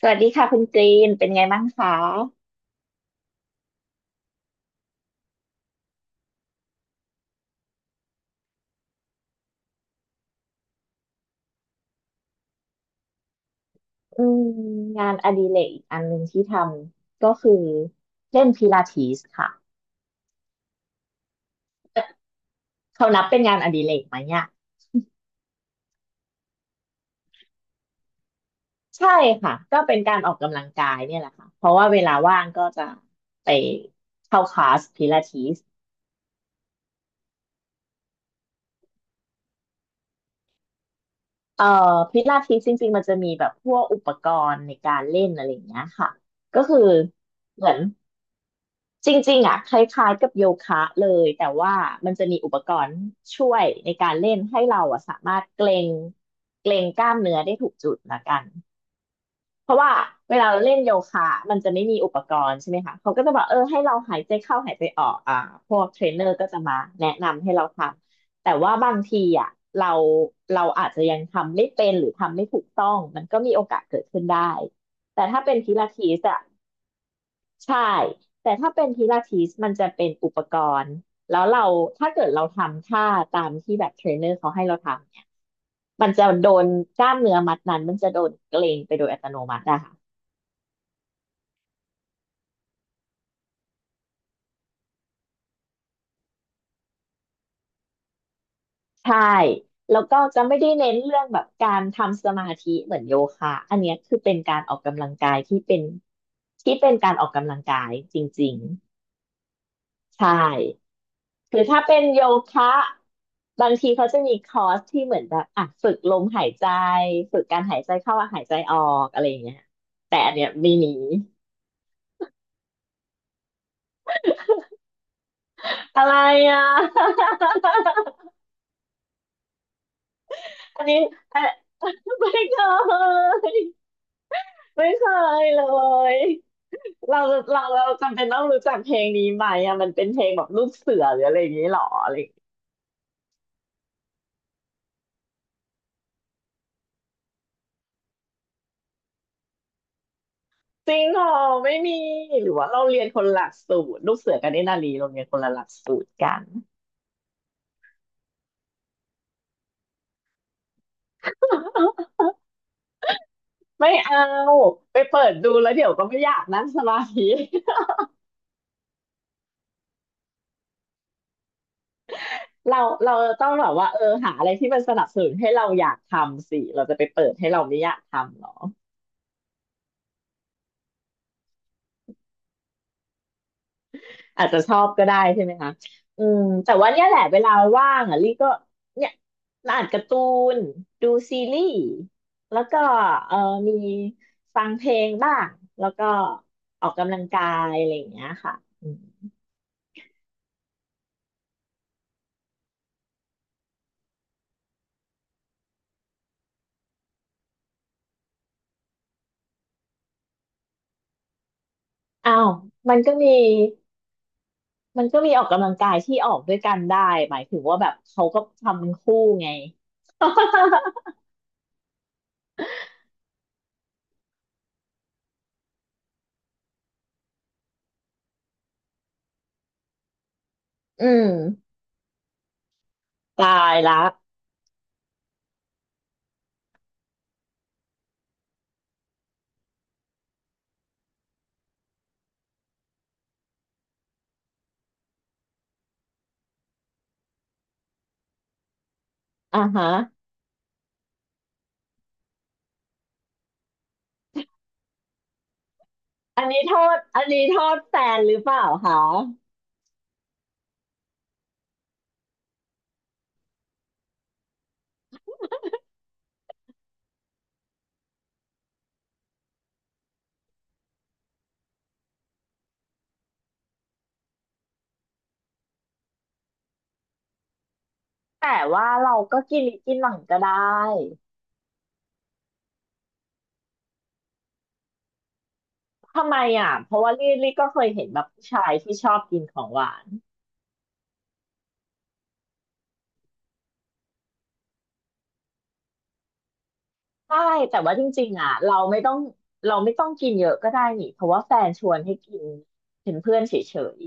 สวัสดีค่ะคุณกรีนเป็นไงบ้างคะอืมงานอดิเรกอีกอันหนึ่งที่ทำก็คือเล่นพิลาทิสค่ะเขานับเป็นงานอดิเรกไหมเนี่ยใช่ค่ะก็เป็นการออกกำลังกายเนี่ยแหละค่ะเพราะว่าเวลาว่างก็จะไปเข้าคลาสพิลาทิสเอ่อพิลาทิสจริงๆมันจะมีแบบพวกอุปกรณ์ในการเล่นอะไรอย่างเงี้ยค่ะก็คือเหมือน จริงๆอ่ะคล้ายๆกับโยคะเลยแต่ว่ามันจะมีอุปกรณ์ช่วยในการเล่นให้เราอะสามารถเกรงกล้ามเนื้อได้ถูกจุดละกันเพราะว่าเวลาเราเล่นโยคะมันจะไม่มีอุปกรณ์ใช่ไหมคะเขาก็จะบอกเออให้เราหายใจเข้าหายใจออกพวกเทรนเนอร์ก็จะมาแนะนำให้เราทำแต่ว่าบางทีอ่ะเราเราอาจจะยังทำไม่เป็นหรือทำไม่ถูกต้องมันก็มีโอกาสเกิดขึ้นได้แต่ถ้าเป็นพิลาทิสอะ ใช่แต่ถ้าเป็นพิลาทิสมันจะเป็นอุปกรณ์แล้วเราถ้าเกิดเราทำท่าตามที่แบบเทรนเนอร์เขาให้เราทำเนี่ยมันจะโดนกล้ามเนื้อมัดนั้นมันจะโดนเกร็งไปโดยอัตโนมัติอะค่ะใช่แล้วก็จะไม่ได้เน้นเรื่องแบบการทำสมาธิเหมือนโยคะอันเนี้ยคือเป็นการออกกำลังกายที่เป็นการออกกำลังกายจริงๆใช่ คือถ้าเป็นโยคะบางทีเขาจะมีคอร์สที่เหมือนแบบอ่ะฝึกลมหายใจฝึกการหายใจเข้าหายใจออกอะไรอย่างเงี้ยแต่อันเนี้ยไม่มี อะไรอ่ะ อันนี้เอ่อไม่เคยไม่เคยเลยเราเราจำเป็นต้องรู้จักเพลงนี้ไหมอ่ะมันเป็นเพลงแบบลูกเสือหรืออะไรอย่างนี้หรออะไรอย่างงี้จริงเหรอไม่มีหรือว่าเราเรียนคนละหลักสูตรลูกเสือกับเนตรนารีเราเรียนคนละหลักสูตรกัน ไม่เอาไปเปิดดูแล้วเดี๋ยวก็ไม่อยากนั่งสมาธิ เราเราต้องแบบว่าเออหาอะไรที่มันสนับสนุนให้เราอยากทำสิเราจะไปเปิดให้เราไม่อยากทำหรออาจจะชอบก็ได้ใช่ไหมคะอืมแต่ว่าเนี่ยแหละเวลาว่างอ่ะลี่ก็เนี่ยอ่านการ์ตูนดูซีรีส์แล้วก็เออมีฟังเพลงบ้างแล้วก็ออกกำลังกายอะไรอย่างเงี้ยค่ะอืมอ้าวมันก็มี มันก็มีออกกำลังกายที่ออกด้วยกันได้หมายถึงว่าแบบเขาก็ทำเป็นคู่ไง อืมตายละอ่าฮะอันนี้โทอันนี้โทษแฟนหรือเปล่าคะแต่ว่าเราก็กินกินหลังก็ได้ทำไมอ่ะเพราะว่าลี่ก็เคยเห็นแบบผู้ชายที่ชอบกินของหวานใช่แต่ว่าจริงๆอ่ะเราไม่ต้องกินเยอะก็ได้นี่เพราะว่าแฟนชวนให้กินเป็นเพื่อนเฉย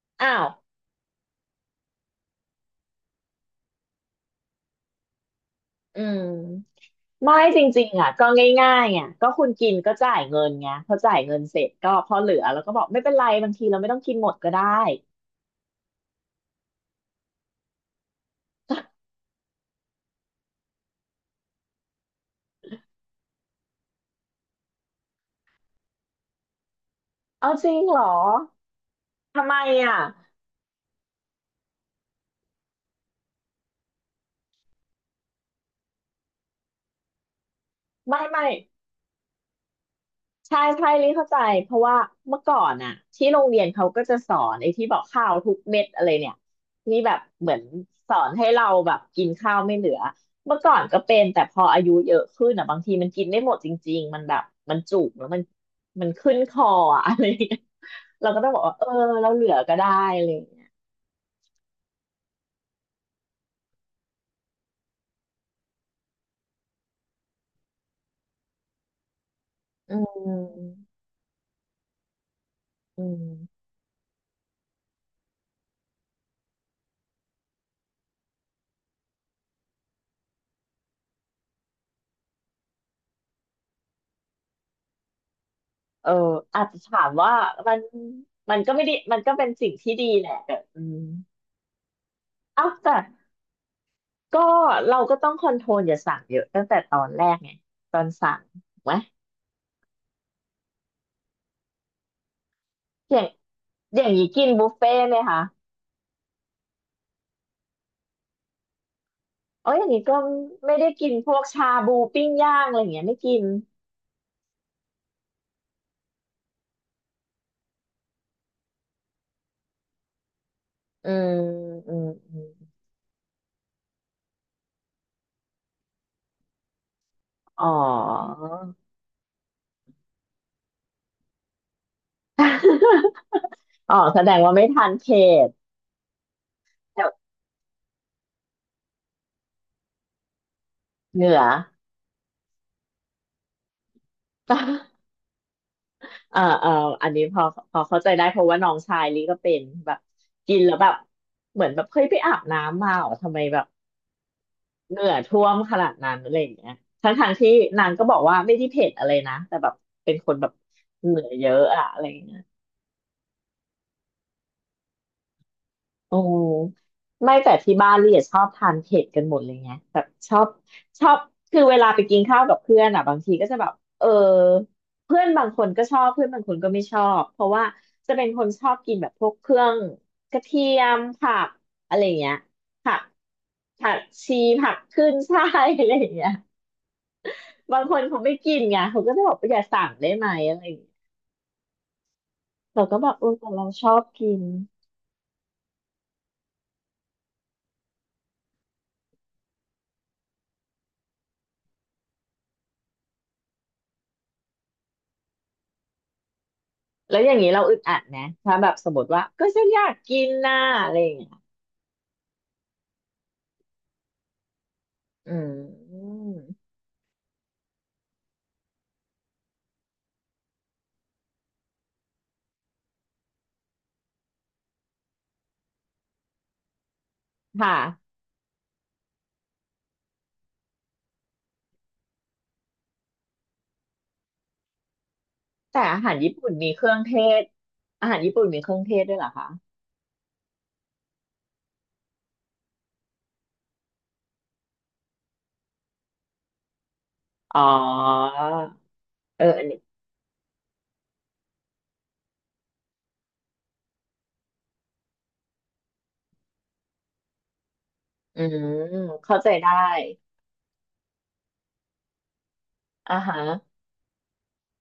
ๆอ้าวอืม ไม่จริงๆอ่ะก็ง่ายๆอ่ะก็คุณกินก็จ่ายเงินไงพอจ่ายเงินเสร็จก็พอเหลือแล้วก็บอกไม่เป็นไรบางทีเราไม่ต้องกินหมดก็ได้เอาจริงเหรอทำไมอ่ะไม่ไม่ใช่ใช่ลิเข้าใจเพราะว่าเมื่อก่อนอ่ะที่โรงเรียนเขาก็จะสอนไอ้ที่บอกข้าวทุกเม็ดอะไรเนี่ยที่แบบเหมือนสอนให้เราแบบกินข้าวไม่เหลือเมื่อก่อนก็เป็นแต่พออายุเยอะขึ้นอ่ะบางทีมันกินไม่หมดจริงๆมันแบบมันจุกแล้วมันขึ้นคออะอะไรอย่างเงี้ย เราก็ต้องบอกว่าเออเราเหลือก็ได้อะไรอย่างเงี้ยอืมอืมเอออาจจะถามว่ามันมันก็ไม่ได้มันก็เป็นสิ่งที่ดีแหละแต่อืมเอ้าแต่ก็เราก็ต้องคอนโทรลอย่าสั่งเยอะตั้งแต่ตอนแรกไงตอนสั่งถูกไหมอย่างอย่างนี้กินบุฟเฟ่ต์ไหมคะเอ๋ออย่างนี้ก็ไม่ได้กินพวกชาบูปิ้งย่างอะไรอย่างเงี้ยไม่กินอืมอืมอืมอ๋อ อ๋อแสดงว่าไม่ทานเผ็ด เหนือ เอ่อเอ่ออันนี้พอเข้าใจได้เพราะว่าน้องชายลิก็เป็นแบบกินแล้วแบบเหมือนแบบเฮ้ยไปอาบน้ำมาเหรอทำไมแบบเหงื่อท่วมขนาดนั้นอะไรอย่างเงี้ยทั้งทางที่นางก็บอกว่าไม่ได้เผ็ดอะไรนะแต่แบบเป็นคนแบบเหงื่อเยอะอะอะไรอย่างเงี้ย โอ้ไม่แต่ที่บ้านลี่อะชอบทานเผ็ดกันหมดเลยไงแบบชอบชอบคือเวลาไปกินข้าวกับเพื่อนอ่ะบางทีก็จะแบบเออเพื่อนบางคนก็ชอบเพื่อนบางคนก็ไม่ชอบเพราะว่าจะเป็นคนชอบกินแบบพวกเครื่องกระเทียมผักอะไรอย่างเงี้ยผักผักชีผักขึ้นฉ่ายอะไรอย่างเงี้ยบางคนเขาไม่กินไงเขาก็จะบอกว่าอย่าสั่งได้ไหมอะไรอย่างเงี้ยเราก็แบบเออแต่เราชอบกิน แล้วอย่างนี้เราอึดอัดนะถ้าแบบสมมติว่าก็ฉันอยากกินน่ะอะไรอย่างเงี้ยอืมค่ะแต่อาหารญี่ปุ่นมีเครื่องเทศอาหารญี่ปุ่นมีเครื่องเทศด้วยเหรอคะอ๋อเอออันนี้อืมเข้าใจได้อ่าฮะ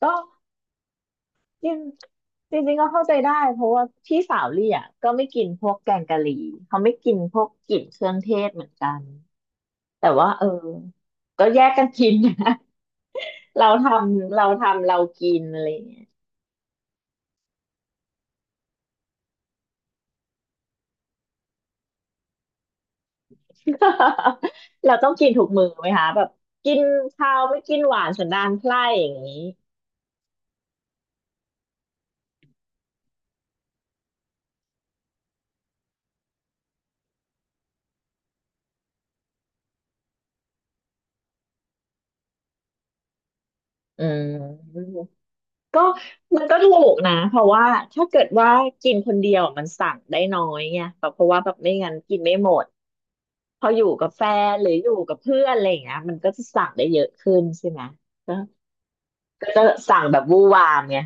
ก็จริงจริงๆก็เข้าใจได้เพราะว่าพี่สาวลี่อ่ะก็ไม่กินพวกแกงกะหรี่เขาไม่กินพวกกลิ่นเครื่องเทศเหมือนกันแต่ว่าก็แยกกันกินนะ เราทเราทำเรากินอะไรอย่างเงี้ย เราต้องกินถูกมือไหมคะแบบกินข้าวไม่กินหวานสันดานไพร่อย่างนี้อืมก็มันก็ถูกนะเพราะว่าถ้าเกิดว่ากินคนเดียวมันสั่งได้น้อยไงแบบเพราะว่าแบบไม่งั้นกินไม่หมดพออยู่กับแฟนหรืออยู่กับเพื่อนอะไรอย่างเงี้ยมันก็จะสั่งได้เยอะขึ้นใช่ไหมก็ก็จะสั่งแบบวู่วามไง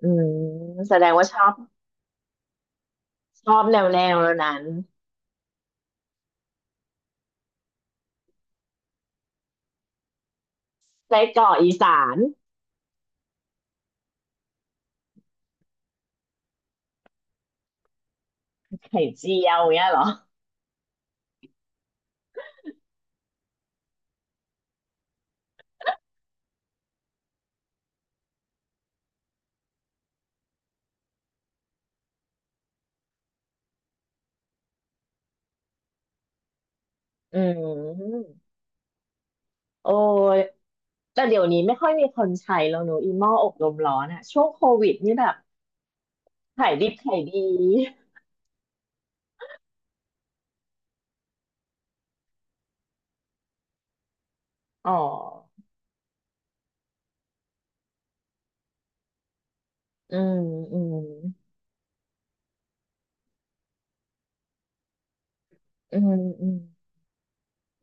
อืมแสดงว่าชอบชอบแนวแนวนั้นไส้กรอกอีสาน ไข่เจียวเงี้ยเหรออืมโอ้ยแต่เดี๋ยวนี้ไม่ค่อยมีคนใช้แล้วเนอะอีหม้ออบลมร้อนอะช่วงโควิดนี่แบบขายดิบขายดีอ๋ออืมอืมอืมอืม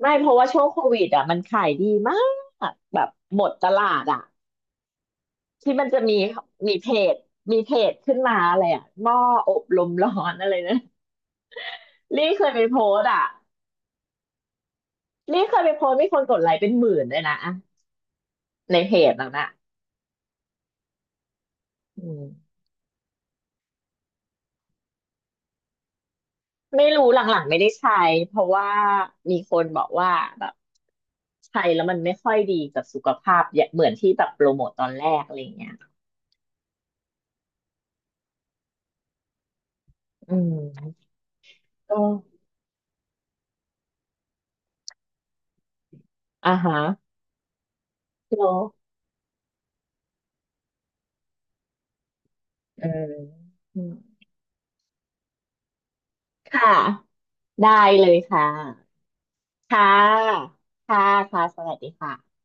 ไม่เพราะว่าช่วงโควิดอ่ะมันขายดีมากแบบหมดตลาดอ่ะที่มันจะมีมีเพจมีเพจขึ้นมาอะไรอ่ะหม้ออบลมร้อนอะไรนะลี่เคยไปโพสต์อ่ะลี่เคยไปโพสต์มีคนกดไลค์เป็นหมื่นเลยนะอะในเพจนั้นอ่ะอืม ไม่รู้หลังๆไม่ได้ใช้เพราะว่ามีคนบอกว่าแบบใช้แล้วมันไม่ค่อยดีกับสุขภาพอย่าเหมือนที่แบบโปรโมทตอนแรกอะไรเงี้ยอืมก็อ่าฮะโลอืมอืมค่ะได้เลยค่ะค่ะค่ะค่ะสวัสดีค่ะ